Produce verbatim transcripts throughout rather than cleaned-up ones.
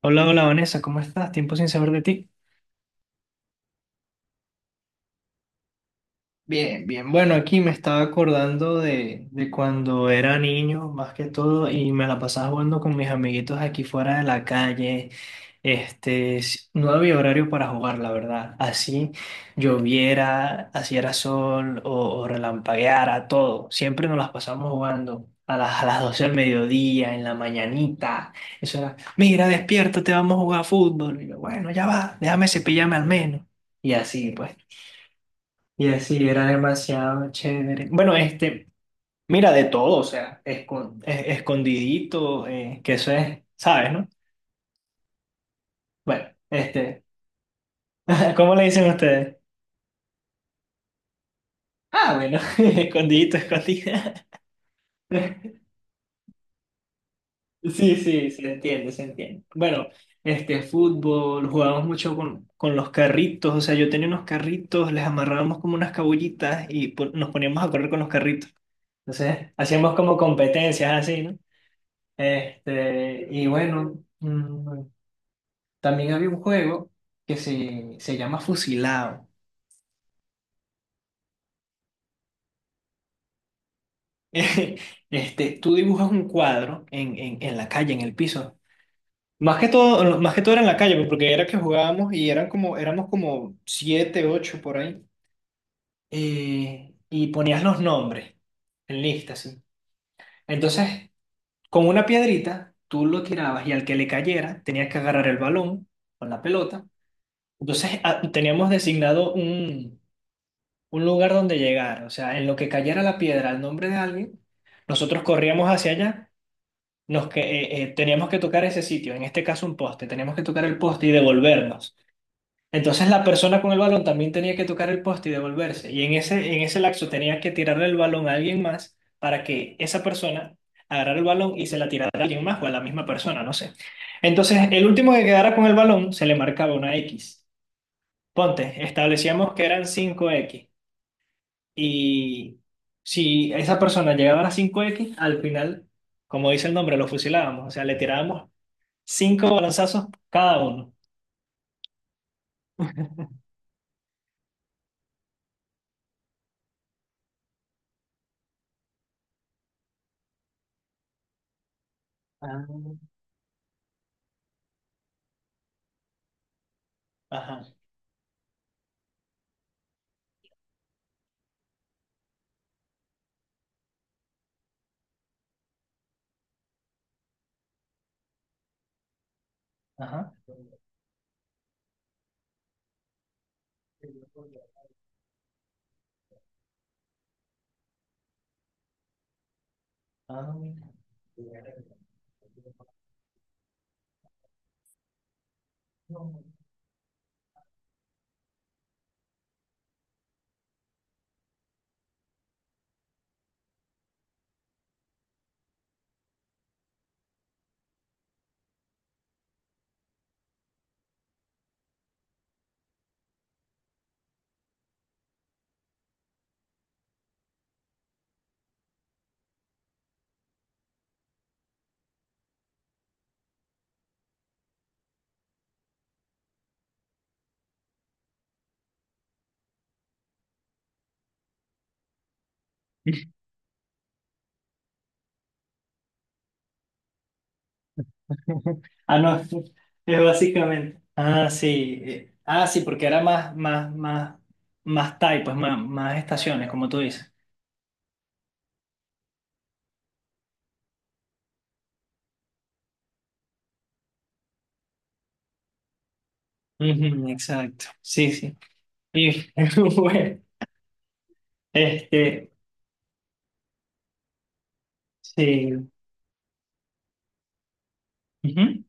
Hola, hola Vanessa, ¿cómo estás? Tiempo sin saber de ti. Bien, bien. Bueno, aquí me estaba acordando de, de cuando era niño, más que todo, y me la pasaba jugando con mis amiguitos aquí fuera de la calle. Este, s- no había horario para jugar, la verdad. Así lloviera, así era sol o, o relampagueara, todo. Siempre nos las pasamos jugando. A las, a las doce del mediodía, en la mañanita. Eso era, mira, despiértate, vamos a jugar fútbol. Y yo, bueno, ya va, déjame cepillarme al menos. Y así, pues. Y así era demasiado chévere. Bueno, este, mira, de todo, o sea, escon- eh, escondidito, eh, que eso es, ¿sabes, no? Bueno, este, ¿cómo le dicen ustedes? Ah, bueno, escondidito, escondida. Sí, sí, se entiende, se entiende. Bueno, este, fútbol, jugábamos mucho con, con los carritos, o sea, yo tenía unos carritos, les amarrábamos como unas cabullitas y po- nos poníamos a correr con los carritos. Entonces, hacíamos como competencias así, ¿no? Este, y bueno, mm, también había un juego que se, se llama Fusilado. Este, tú dibujas un cuadro en, en, en la calle, en el piso. Más que todo, más que todo era en la calle, pues, porque era que jugábamos y eran como, éramos como siete, ocho por ahí. Eh, y ponías los nombres en lista, así. Entonces, con una piedrita, tú lo tirabas y al que le cayera, tenías que agarrar el balón con la pelota. Entonces, a- teníamos designado un un lugar donde llegar, o sea, en lo que cayera la piedra al nombre de alguien, nosotros corríamos hacia allá, nos que, eh, eh, teníamos que tocar ese sitio, en este caso un poste, teníamos que tocar el poste y devolvernos. Entonces la persona con el balón también tenía que tocar el poste y devolverse, y en ese, en ese lapso tenía que tirarle el balón a alguien más para que esa persona agarrara el balón y se la tirara a alguien más o a la misma persona, no sé. Entonces el último que quedara con el balón se le marcaba una X. Ponte, establecíamos que eran cinco x, y si esa persona llegaba a las cinco equis, al final, como dice el nombre, lo fusilábamos. O sea, le tirábamos cinco balazos cada uno. Ah. Ajá, ajá. Ah. Ah, no, es básicamente. Ah, sí. eh, Ah, sí, porque era más, más, más, más type, pues más, más estaciones, como tú dices. Ujú, exacto. Sí, sí. Y bueno, este, sí. Ujú,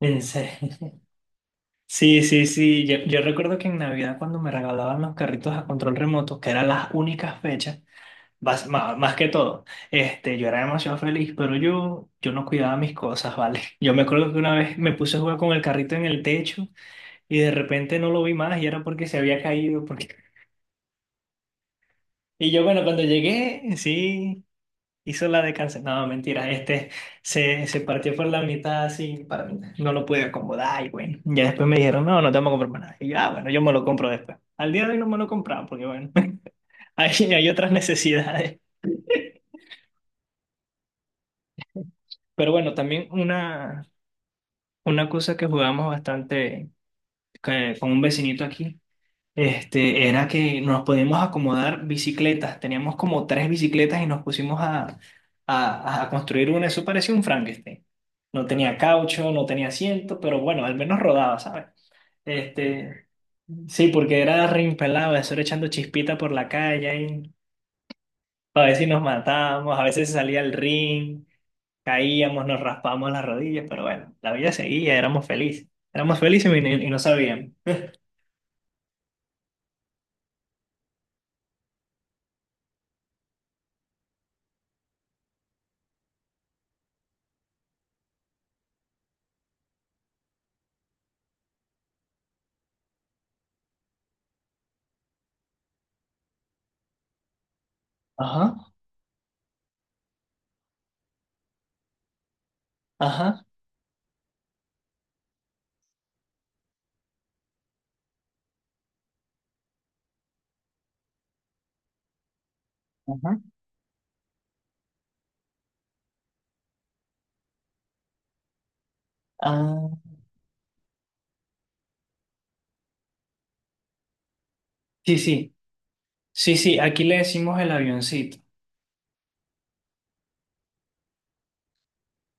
en serio. Sí, sí, sí. Yo, yo recuerdo que en Navidad cuando me regalaban los carritos a control remoto, que eran las únicas fechas, más, más, más que todo, este, yo era demasiado feliz, pero yo, yo no cuidaba mis cosas, ¿vale? Yo me acuerdo que una vez me puse a jugar con el carrito en el techo y de repente no lo vi más y era porque se había caído, porque. Y yo, bueno, cuando llegué, sí. Hizo la de cáncer. No, mentira, este se, se partió por la mitad así para mí. No lo pude acomodar y bueno. Ya después me dijeron, no, no te vamos a comprar más nada. Y yo, ah, bueno, yo me lo compro después. Al día de hoy no me lo he comprado porque bueno, hay, hay otras necesidades. Pero bueno, también una, una cosa que jugamos bastante que- con un vecinito aquí. Este, era que nos podíamos acomodar bicicletas. Teníamos como tres bicicletas y nos pusimos a, a, a construir una. Eso parecía un Frankenstein. No tenía caucho, no tenía asiento, pero bueno, al menos rodaba, ¿sabes? Este, sí, porque era reimpelado, eso era echando chispita por la calle. Y a veces nos matábamos, a veces salía el ring, caíamos, nos raspábamos las rodillas, pero bueno, la vida seguía, éramos felices. Éramos felices y, y no sabíamos. Ajá, ajá. Ajá. Ah. Sí, sí, sí, sí, aquí le decimos el avioncito.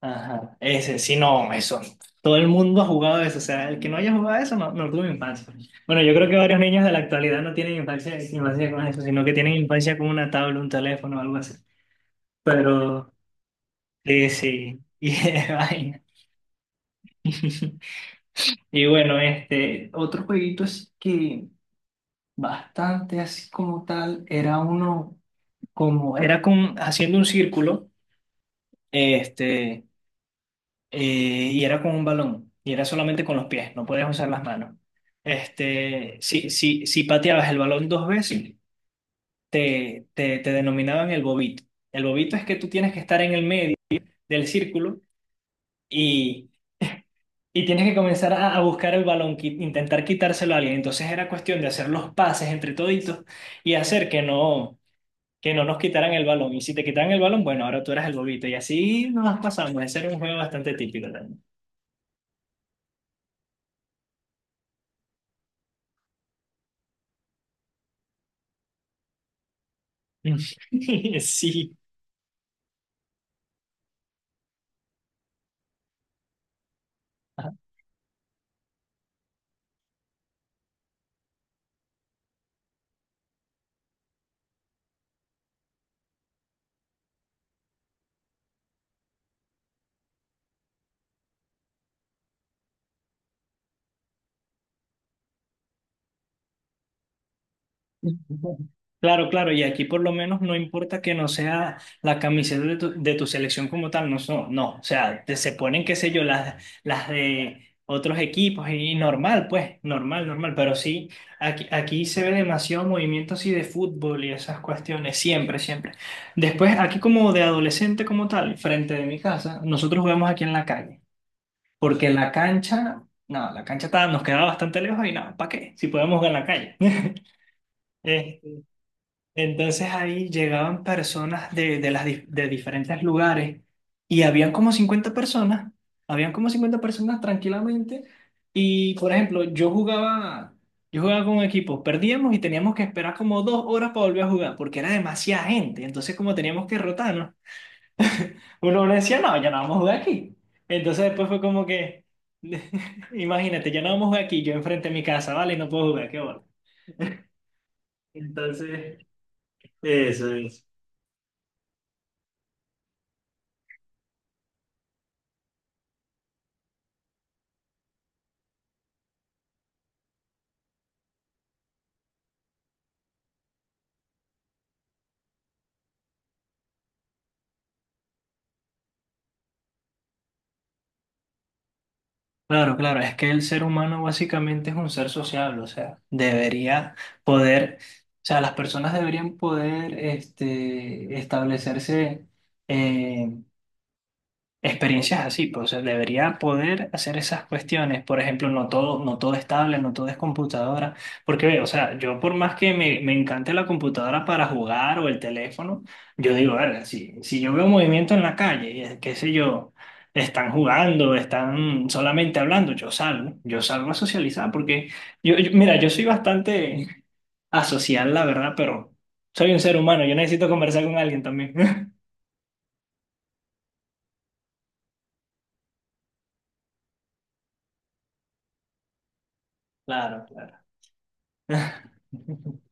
Ajá, ese, sí, no, eso. Todo el mundo ha jugado eso, o sea, el que no haya jugado eso no, no tuvo infancia. Bueno, yo creo que varios niños de la actualidad no tienen infancia, infancia con eso, sino que tienen infancia con una tabla, un teléfono o algo así. Pero, sí, sí, y de vaina. Y bueno, este, otro jueguito así que bastante así como tal, era uno, como, era con, haciendo un círculo, este. Eh, y era con un balón, y era solamente con los pies, no podías usar las manos. Este, si, si, si pateabas el balón dos veces, te, te, te denominaban el bobito. El bobito es que tú tienes que estar en el medio del círculo y, y tienes que comenzar a, a buscar el balón, qui- intentar quitárselo a alguien. Entonces era cuestión de hacer los pases entre toditos y hacer que no, que no nos quitaran el balón. Y si te quitaran el balón, bueno, ahora tú eras el bobito. Y así nos las pasamos. Ese era un juego bastante típico también. Sí. Claro, claro, y aquí por lo menos no importa que no sea la camiseta de tu, de tu selección como tal, no, son- no, o sea, te- se ponen, qué sé yo, las, las de otros equipos y normal, pues, normal, normal, pero sí, aquí, aquí se ve demasiado movimiento así de fútbol y esas cuestiones, siempre, siempre. Después, aquí como de adolescente como tal, frente de mi casa, nosotros jugamos aquí en la calle, porque la cancha, no, la cancha estaba- nos quedaba bastante lejos y nada, ¿para qué? Si podemos jugar en la calle. Entonces ahí llegaban personas de, de, las, di- de diferentes lugares y habían como cincuenta personas, habían como cincuenta personas tranquilamente y por ejemplo yo jugaba, yo jugaba con un equipo perdíamos y teníamos que esperar como dos horas para volver a jugar porque era demasiada gente, entonces como teníamos que rotarnos, uno, uno decía no, ya no vamos a jugar aquí. Entonces después fue como que, imagínate, ya no vamos a jugar aquí, yo enfrente de mi casa, vale, no puedo jugar, qué bueno. Entonces, eso, eso. Claro, claro, es que el ser humano básicamente es un ser sociable, o sea, debería poder, o sea, las personas deberían poder este, establecerse eh, experiencias así, pues o sea, debería poder hacer esas cuestiones. Por ejemplo, no todo, no todo es tablet, no todo es computadora. Porque, ve, o sea, yo por más que me, me encante la computadora para jugar o el teléfono, yo digo, verga, si, si yo veo movimiento en la calle, y, eh, qué sé yo, están jugando, están solamente hablando, yo salgo, yo salgo a socializar. Porque, yo, yo- mira, yo soy bastante asocial, la verdad, pero soy un ser humano, yo necesito conversar con alguien también. Claro, claro.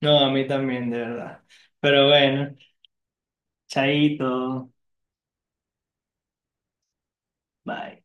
No, a mí también, de verdad. Pero bueno, chaito, bye.